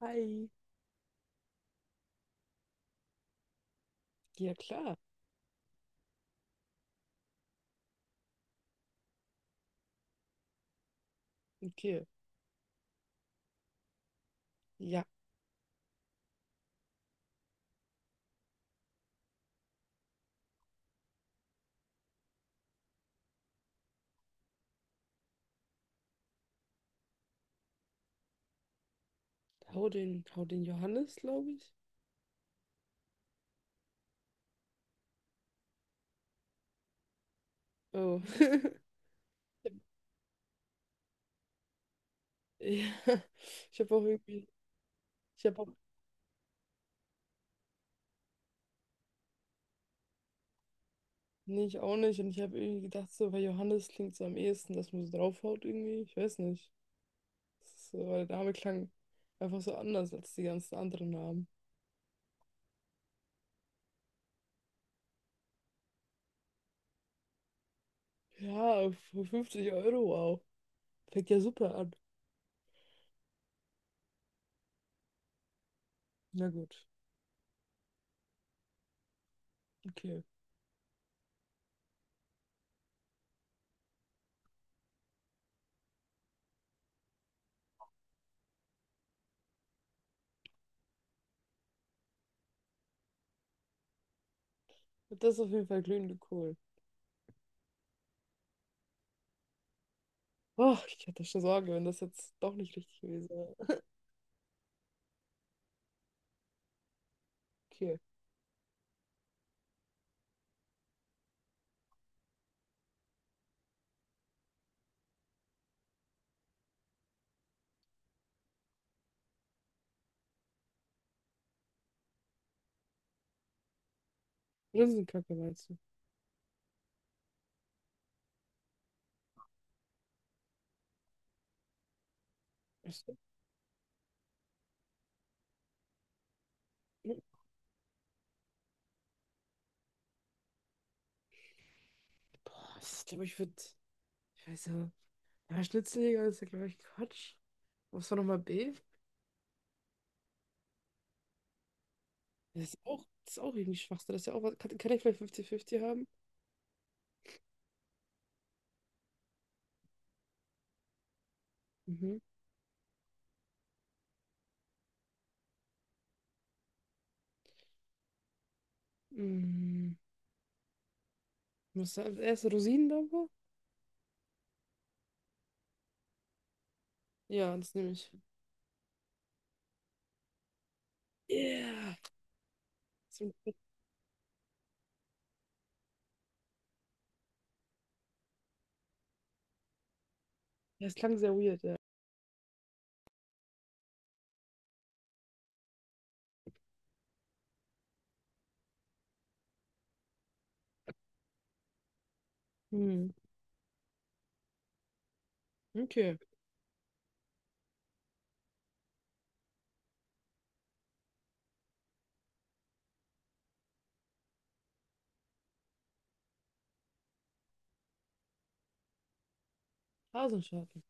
Hi. Ja, klar. Okay. Ja, hau den Johannes, glaube ich. Oh. Ja, ich habe auch irgendwie, ich habe auch, nee, ich auch nicht. Und ich habe irgendwie gedacht, so, weil Johannes klingt so am ehesten, dass man so draufhaut irgendwie. Ich weiß nicht. Das ist So, weil der Name klang einfach so anders als die ganzen anderen Namen. Ja, für 50 Euro, wow. Fängt ja super an. Na gut, okay. Das ist auf jeden Fall glühende Kohl. Oh, ich hatte schon Sorge, wenn das jetzt doch nicht richtig gewesen wäre. Okay. Linsenkacke meinst du? Ich, so, hm, boah, ich glaube, ich würde. Ich weiß ja. Ja, Schnitzeljäger ist ja, glaube ich, Quatsch. Was war nochmal B? Das ist auch irgendwie Schwachsinn. Das ist ja auch was. Kann ich vielleicht 50-50 haben? Mhm. Mm, muss da als erstes Rosinendampfer? Ja, das nehme ich. Yeah! Das, das klang sehr weird, ja. Hm. Okay. Hasenscharten.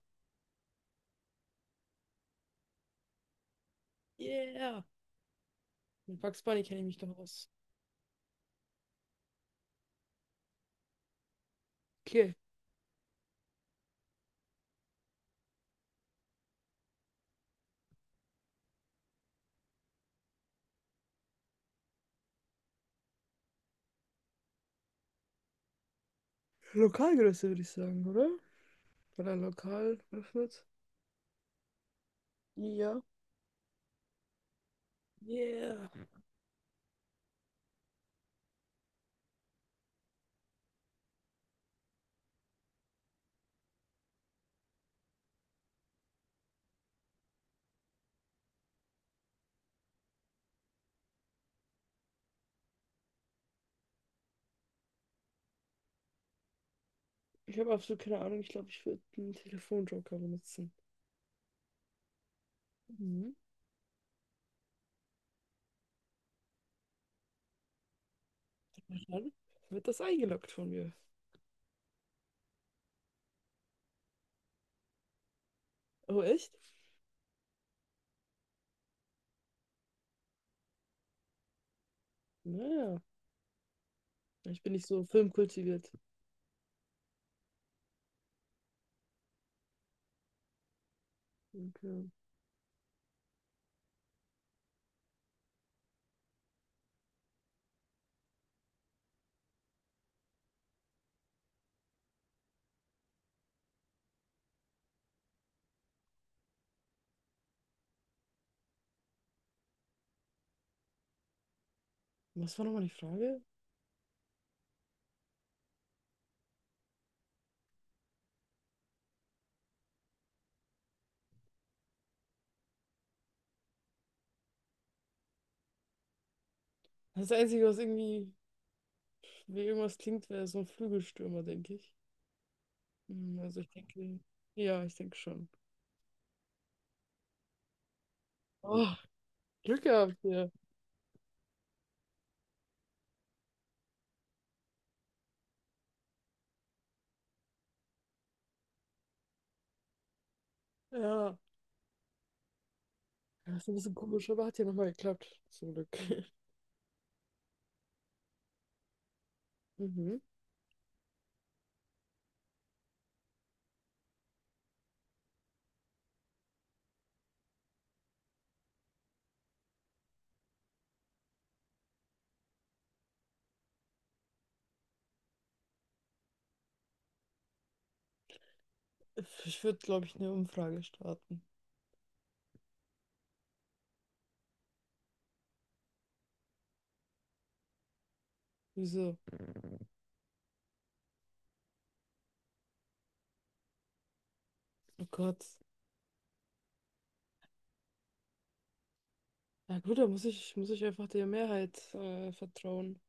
Yeah! Mit Bugs Bunny kenne ich mich doch aus. Okay. Lokalgröße würde ich sagen, oder? Oder lokal öffnet. Ja. Yeah. Ich habe absolut keine Ahnung. Ich glaube, ich würde einen Telefonjoker benutzen. Mhm. Dann wird das eingeloggt von mir. Oh, echt? Naja. Ich bin nicht so filmkultiviert. Okay. Was war nochmal die Frage? Das Einzige, was irgendwie wie irgendwas klingt, wäre so ein Flügelstürmer, denke ich. Also ich denke, ja, ich denke schon. Oh, Glück gehabt hier. Ja. Das ist ein bisschen komisch, aber hat ja nochmal geklappt. Zum Glück. Mhm. Ich würde, glaube ich, eine Umfrage starten. Wieso? Oh Gott. Na gut, muss ich einfach der Mehrheit vertrauen.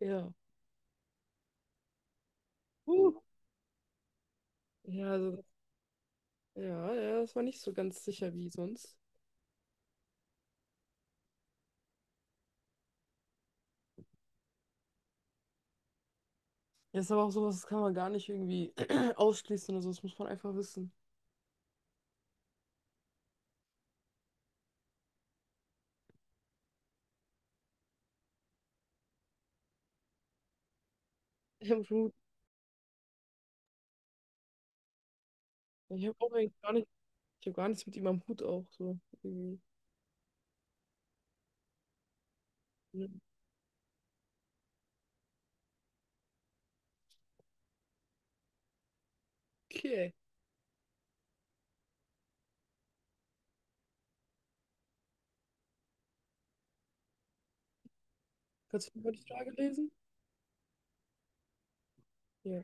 Ja. Uh. Ja, also, ja, ja, das war nicht so ganz sicher wie sonst. Ja, ist aber auch sowas, das kann man gar nicht irgendwie ausschließen oder so, das muss man einfach wissen. Im Hut. Ich habe auch eigentlich gar nicht, ich habe gar nichts mit ihm am Hut auch so. Irgendwie. Okay. Kannst du mal die Frage lesen? Ja.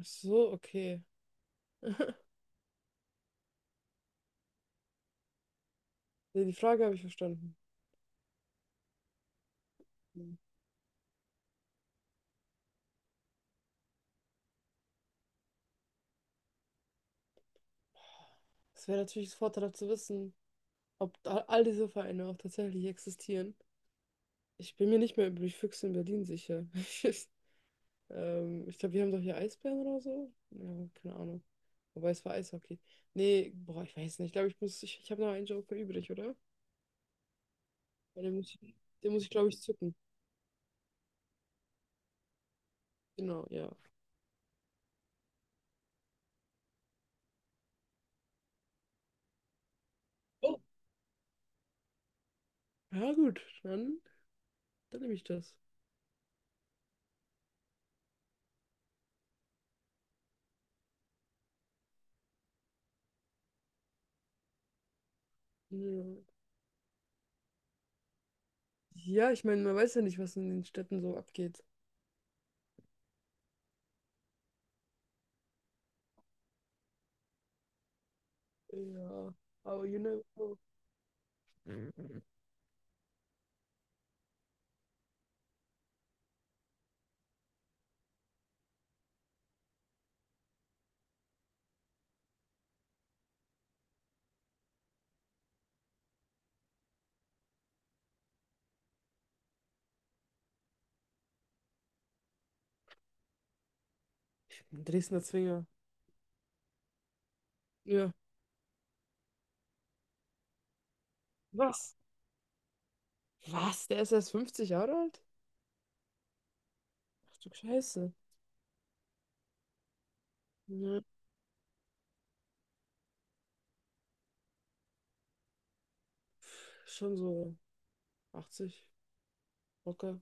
Ach so, okay. Nee, die Frage habe ich verstanden. Hm. Es wäre natürlich das Vorteil zu wissen, ob all diese Vereine auch tatsächlich existieren. Ich bin mir nicht mehr über die Füchse in Berlin sicher. Ich, ich glaube, wir haben doch hier Eisbären oder so. Ja, keine Ahnung. Wobei es war Eishockey. Nee, boah, ich weiß nicht. Ich glaube, ich habe noch einen Joker übrig, oder? Weil Den muss ich, den muss ich, glaube ich, zücken. Genau, ja. Oh, ja gut, dann, dann nehme ich das. Ja, ja, ich meine, man weiß ja nicht, was in den Städten so abgeht. Ja, aber you never know. Ein Dresdner Zwinger. Ja. Was? Was? Der ist erst 50 Jahre alt? Ach du Scheiße. Ja. Schon so 80, locker.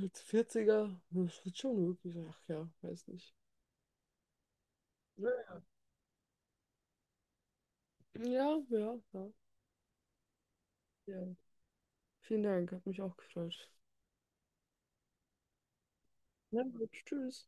Mit 40er, das wird schon möglich. Ach ja, weiß nicht. Ja, ja, ja. Ja. Vielen Dank, hat mich auch gefreut. Na gut, tschüss.